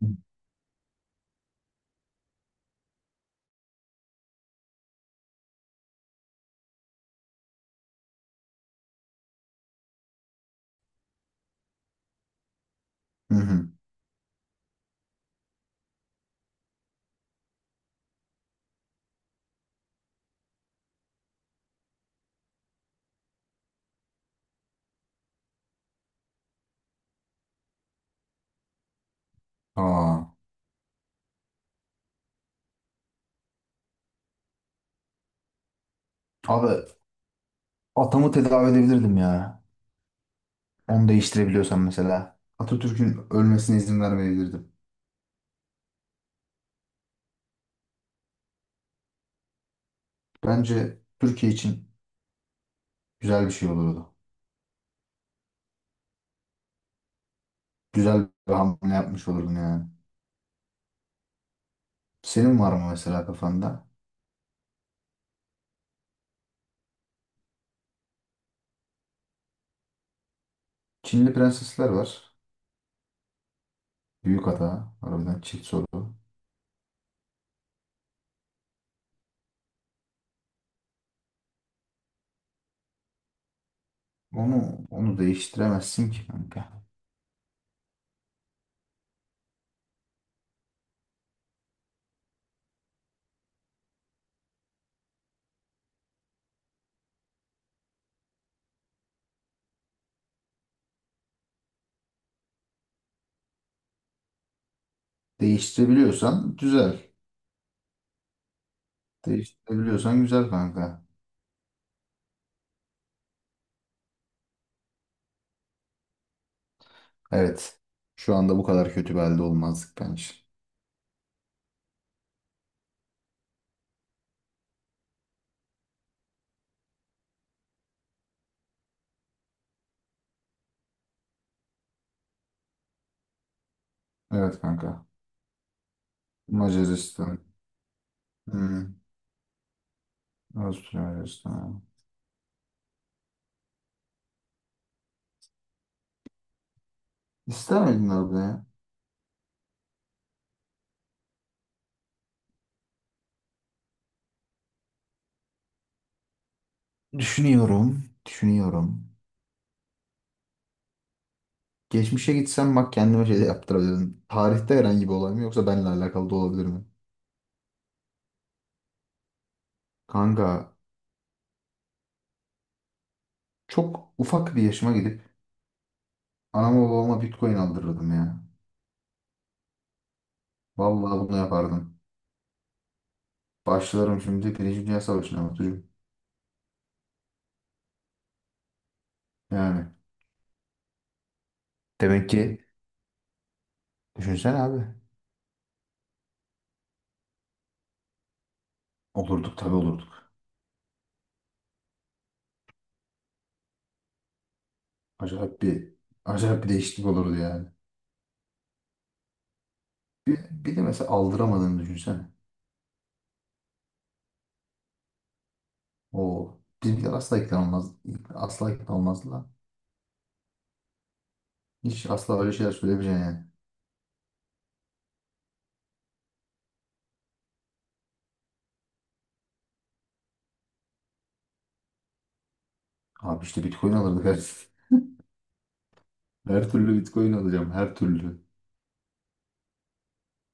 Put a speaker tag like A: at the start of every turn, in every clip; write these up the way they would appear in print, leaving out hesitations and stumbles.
A: Hı hı. Aa. Abi atamı tedavi edebilirdim ya. Onu değiştirebiliyorsam mesela. Atatürk'ün ölmesine izin vermeyebilirdim. Bence Türkiye için güzel bir şey olurdu. Güzel bir hamle yapmış olurdun yani. Senin var mı mesela kafanda? Çinli prensesler var. Büyük hata. Harbiden çift soru. Onu değiştiremezsin ki kanka. Değiştirebiliyorsan güzel. Değiştirebiliyorsan güzel kanka. Evet. Şu anda bu kadar kötü bir halde olmazdık bence. Evet kanka. Macaristan. Hmm. Avusturya Macaristan. İster miydin orada ya? Düşünüyorum. Düşünüyorum. Geçmişe gitsem bak kendime şey de yaptırabilirim. Tarihte herhangi bir olay mı yoksa benimle alakalı da olabilir mi? Kanka çok ufak bir yaşıma gidip anama babama Bitcoin aldırırdım ya. Vallahi bunu yapardım. Başlarım şimdi Birinci Dünya Savaşı'na Batucuğum. Yani. Demek ki düşünsene abi. Olurduk tabii olurduk. Acayip bir acayip bir değişiklik olurdu yani. Bir de mesela aldıramadığını düşünsene. O bizimkiler asla ikna olmaz. Asla ikna olmazlar. Hiç asla öyle şeyler söylemeyeceksin yani. Abi işte Bitcoin alırdık her, her türlü Bitcoin alacağım her türlü.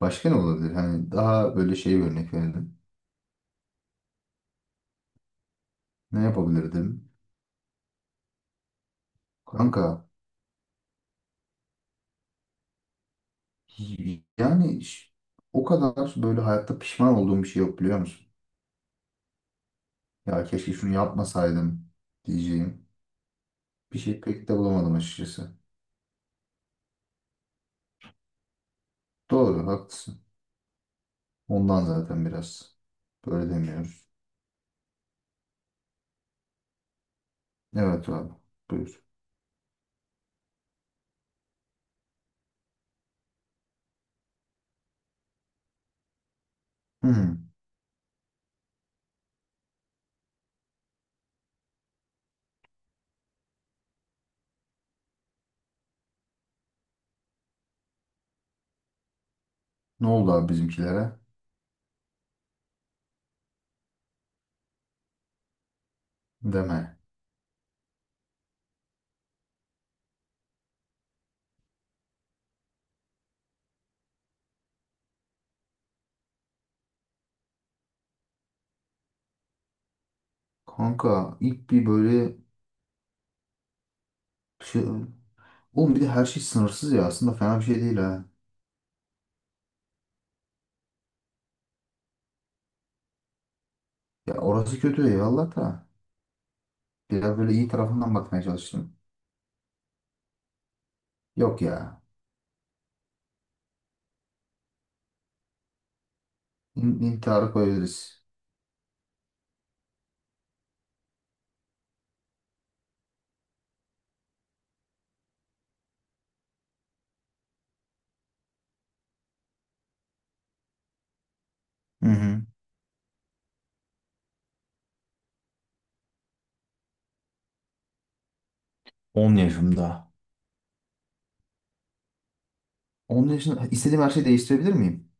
A: Başka ne olabilir? Hani daha böyle şey bir örnek verelim. Ne yapabilirdim? Kanka yani o kadar böyle hayatta pişman olduğum bir şey yok biliyor musun? Ya keşke şunu yapmasaydım diyeceğim. Bir şey pek de bulamadım açıkçası. Doğru haklısın. Ondan zaten biraz böyle demiyoruz. Evet abi buyur. Hı. Ne oldu abi bizimkilere? Deme. Kanka ilk bir böyle şey... Oğlum bir de her şey sınırsız ya. Aslında fena bir şey değil ha. Ya orası kötü eyvallah da. Biraz böyle iyi tarafından bakmaya çalıştım. Yok ya. İn intiharı koyabiliriz. Hı hı. 10 yaşımda. 10 yaşında istediğim her şeyi değiştirebilir miyim?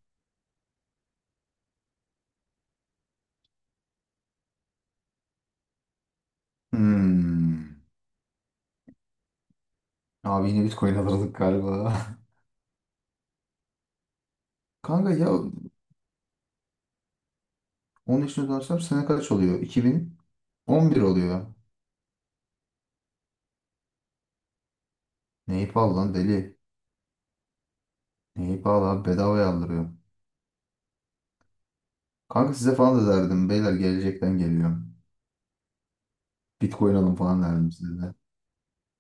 A: Hmm. Abi yine Bitcoin alırdık galiba. Kanka ya 10 yaşını dönsem sene kaç oluyor? 2011 oluyor. Neyi pahalı lan deli. Neyi pahalı abi bedavaya aldırıyor. Kanka size falan da derdim. Beyler gelecekten geliyorum. Bitcoin alın falan derdim size de.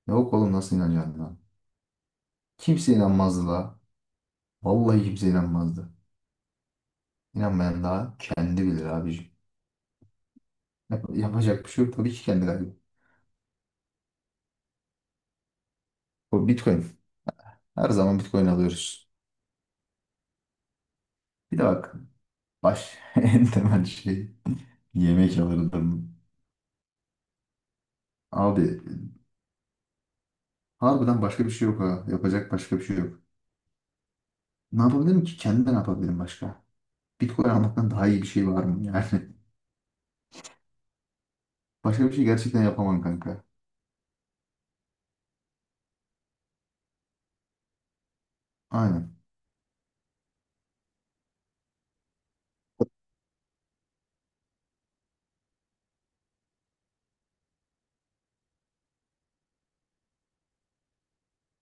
A: Yok oğlum nasıl inanacaksın lan? Kimse inanmazdı la. Vallahi kimse inanmazdı. İnanmayan daha kendi bilir abicim. Yapacak bir şey yok. Tabii ki kendi kaybı. Bu Bitcoin. Her zaman Bitcoin alıyoruz. Bir de bak. Baş en temel şey. Yemek alırdım. Abi harbiden başka bir şey yok ha. Yapacak başka bir şey yok. Ne yapabilirim ki? Kendi ne yapabilirim başka? Bitcoin almaktan daha iyi bir şey var mı yani? Başka bir şey gerçekten yapamam kanka. Aynen.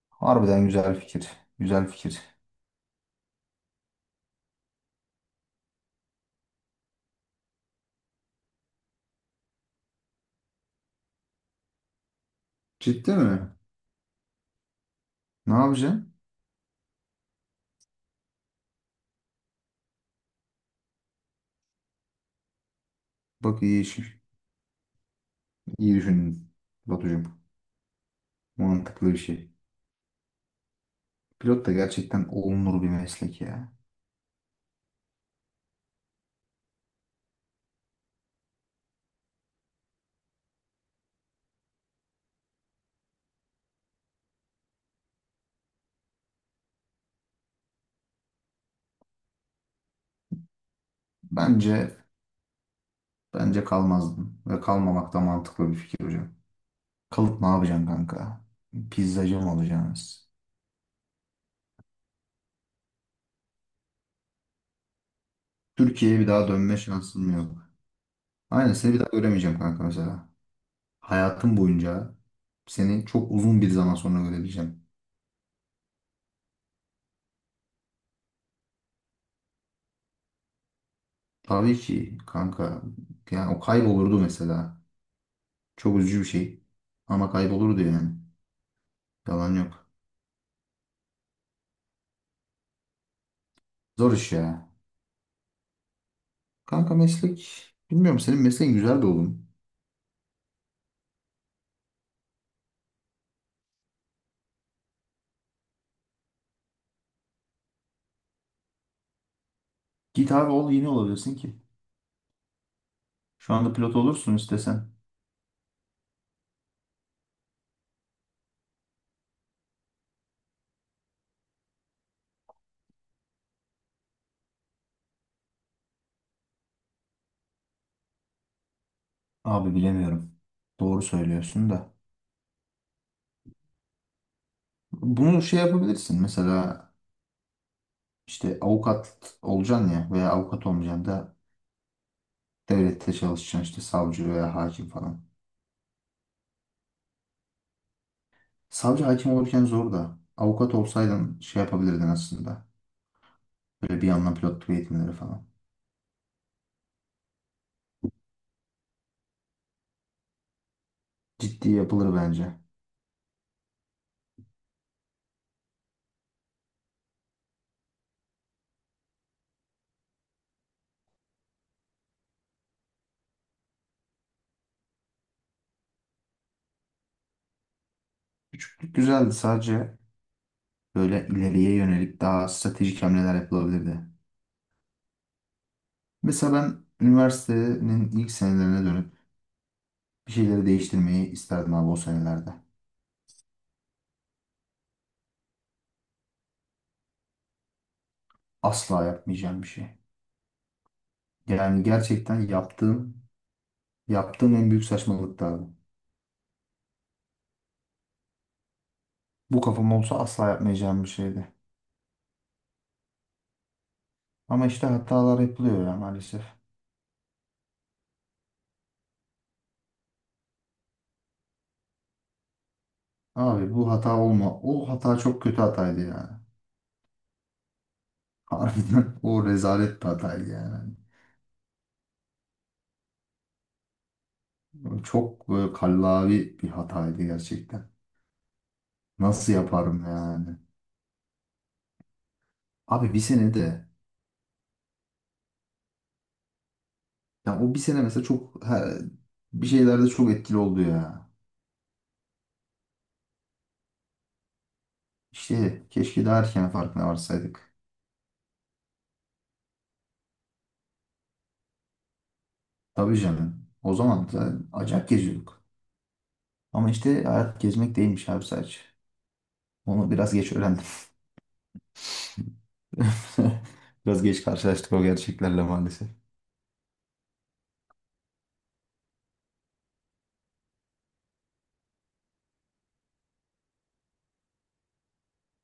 A: Harbiden güzel fikir. Güzel fikir. Ciddi mi? Ne yapacaksın? Bak iyi iş, iyi düşündün Batucuğum. Mantıklı bir şey. Pilot da gerçekten olunur bir meslek ya. Bence bence kalmazdın ve kalmamak da mantıklı bir fikir hocam. Kalıp ne yapacaksın kanka? Pizzacı mı olacaksınız? Türkiye'ye bir daha dönme şansın mı yok? Aynen seni bir daha göremeyeceğim kanka mesela. Hayatım boyunca seni çok uzun bir zaman sonra görebileceğim. Tabii ki kanka. Yani o kaybolurdu mesela. Çok üzücü bir şey. Ama kaybolurdu yani. Yalan yok. Zor iş ya. Kanka meslek. Bilmiyorum senin mesleğin güzel bir oğlum. Git abi ol yeni olabilirsin ki. Şu anda pilot olursun istesen. Abi bilemiyorum. Doğru söylüyorsun da. Bunu şey yapabilirsin. Mesela işte avukat olacaksın ya veya avukat olmayacaksın da devlette çalışacaksın işte savcı veya hakim falan. Savcı hakim olurken zor da. Avukat olsaydın şey yapabilirdin aslında. Böyle bir yandan pilotluk eğitimleri falan. Ciddi yapılır bence. Güzeldi sadece böyle ileriye yönelik daha stratejik hamleler yapılabilirdi. Mesela ben üniversitenin ilk senelerine dönüp bir şeyleri değiştirmeyi isterdim abi o senelerde. Asla yapmayacağım bir şey. Yani gerçekten yaptığım en büyük saçmalıktı abi. Bu kafam olsa asla yapmayacağım bir şeydi. Ama işte hatalar yapılıyor ya maalesef. Abi bu hata olma. O hata çok kötü hataydı yani. Harbiden o rezalet bir hataydı yani. Çok böyle kallavi bir hataydı gerçekten. Nasıl yaparım yani? Abi bir sene de. Ya o bir sene mesela çok bir şeylerde çok etkili oldu ya. İşte keşke daha erken farkına varsaydık. Tabii canım. O zaman da acayip geziyorduk. Ama işte hayat gezmek değilmiş abi sadece. Onu biraz geç öğrendim. Biraz geç karşılaştık o gerçeklerle maalesef.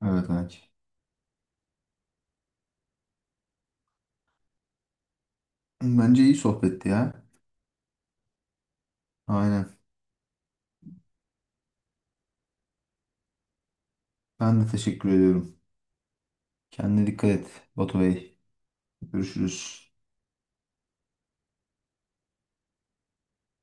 A: Evet Anacığım. Bence iyi sohbetti ya. Aynen. Ben de teşekkür ediyorum. Kendine dikkat et Batu Bey. Görüşürüz.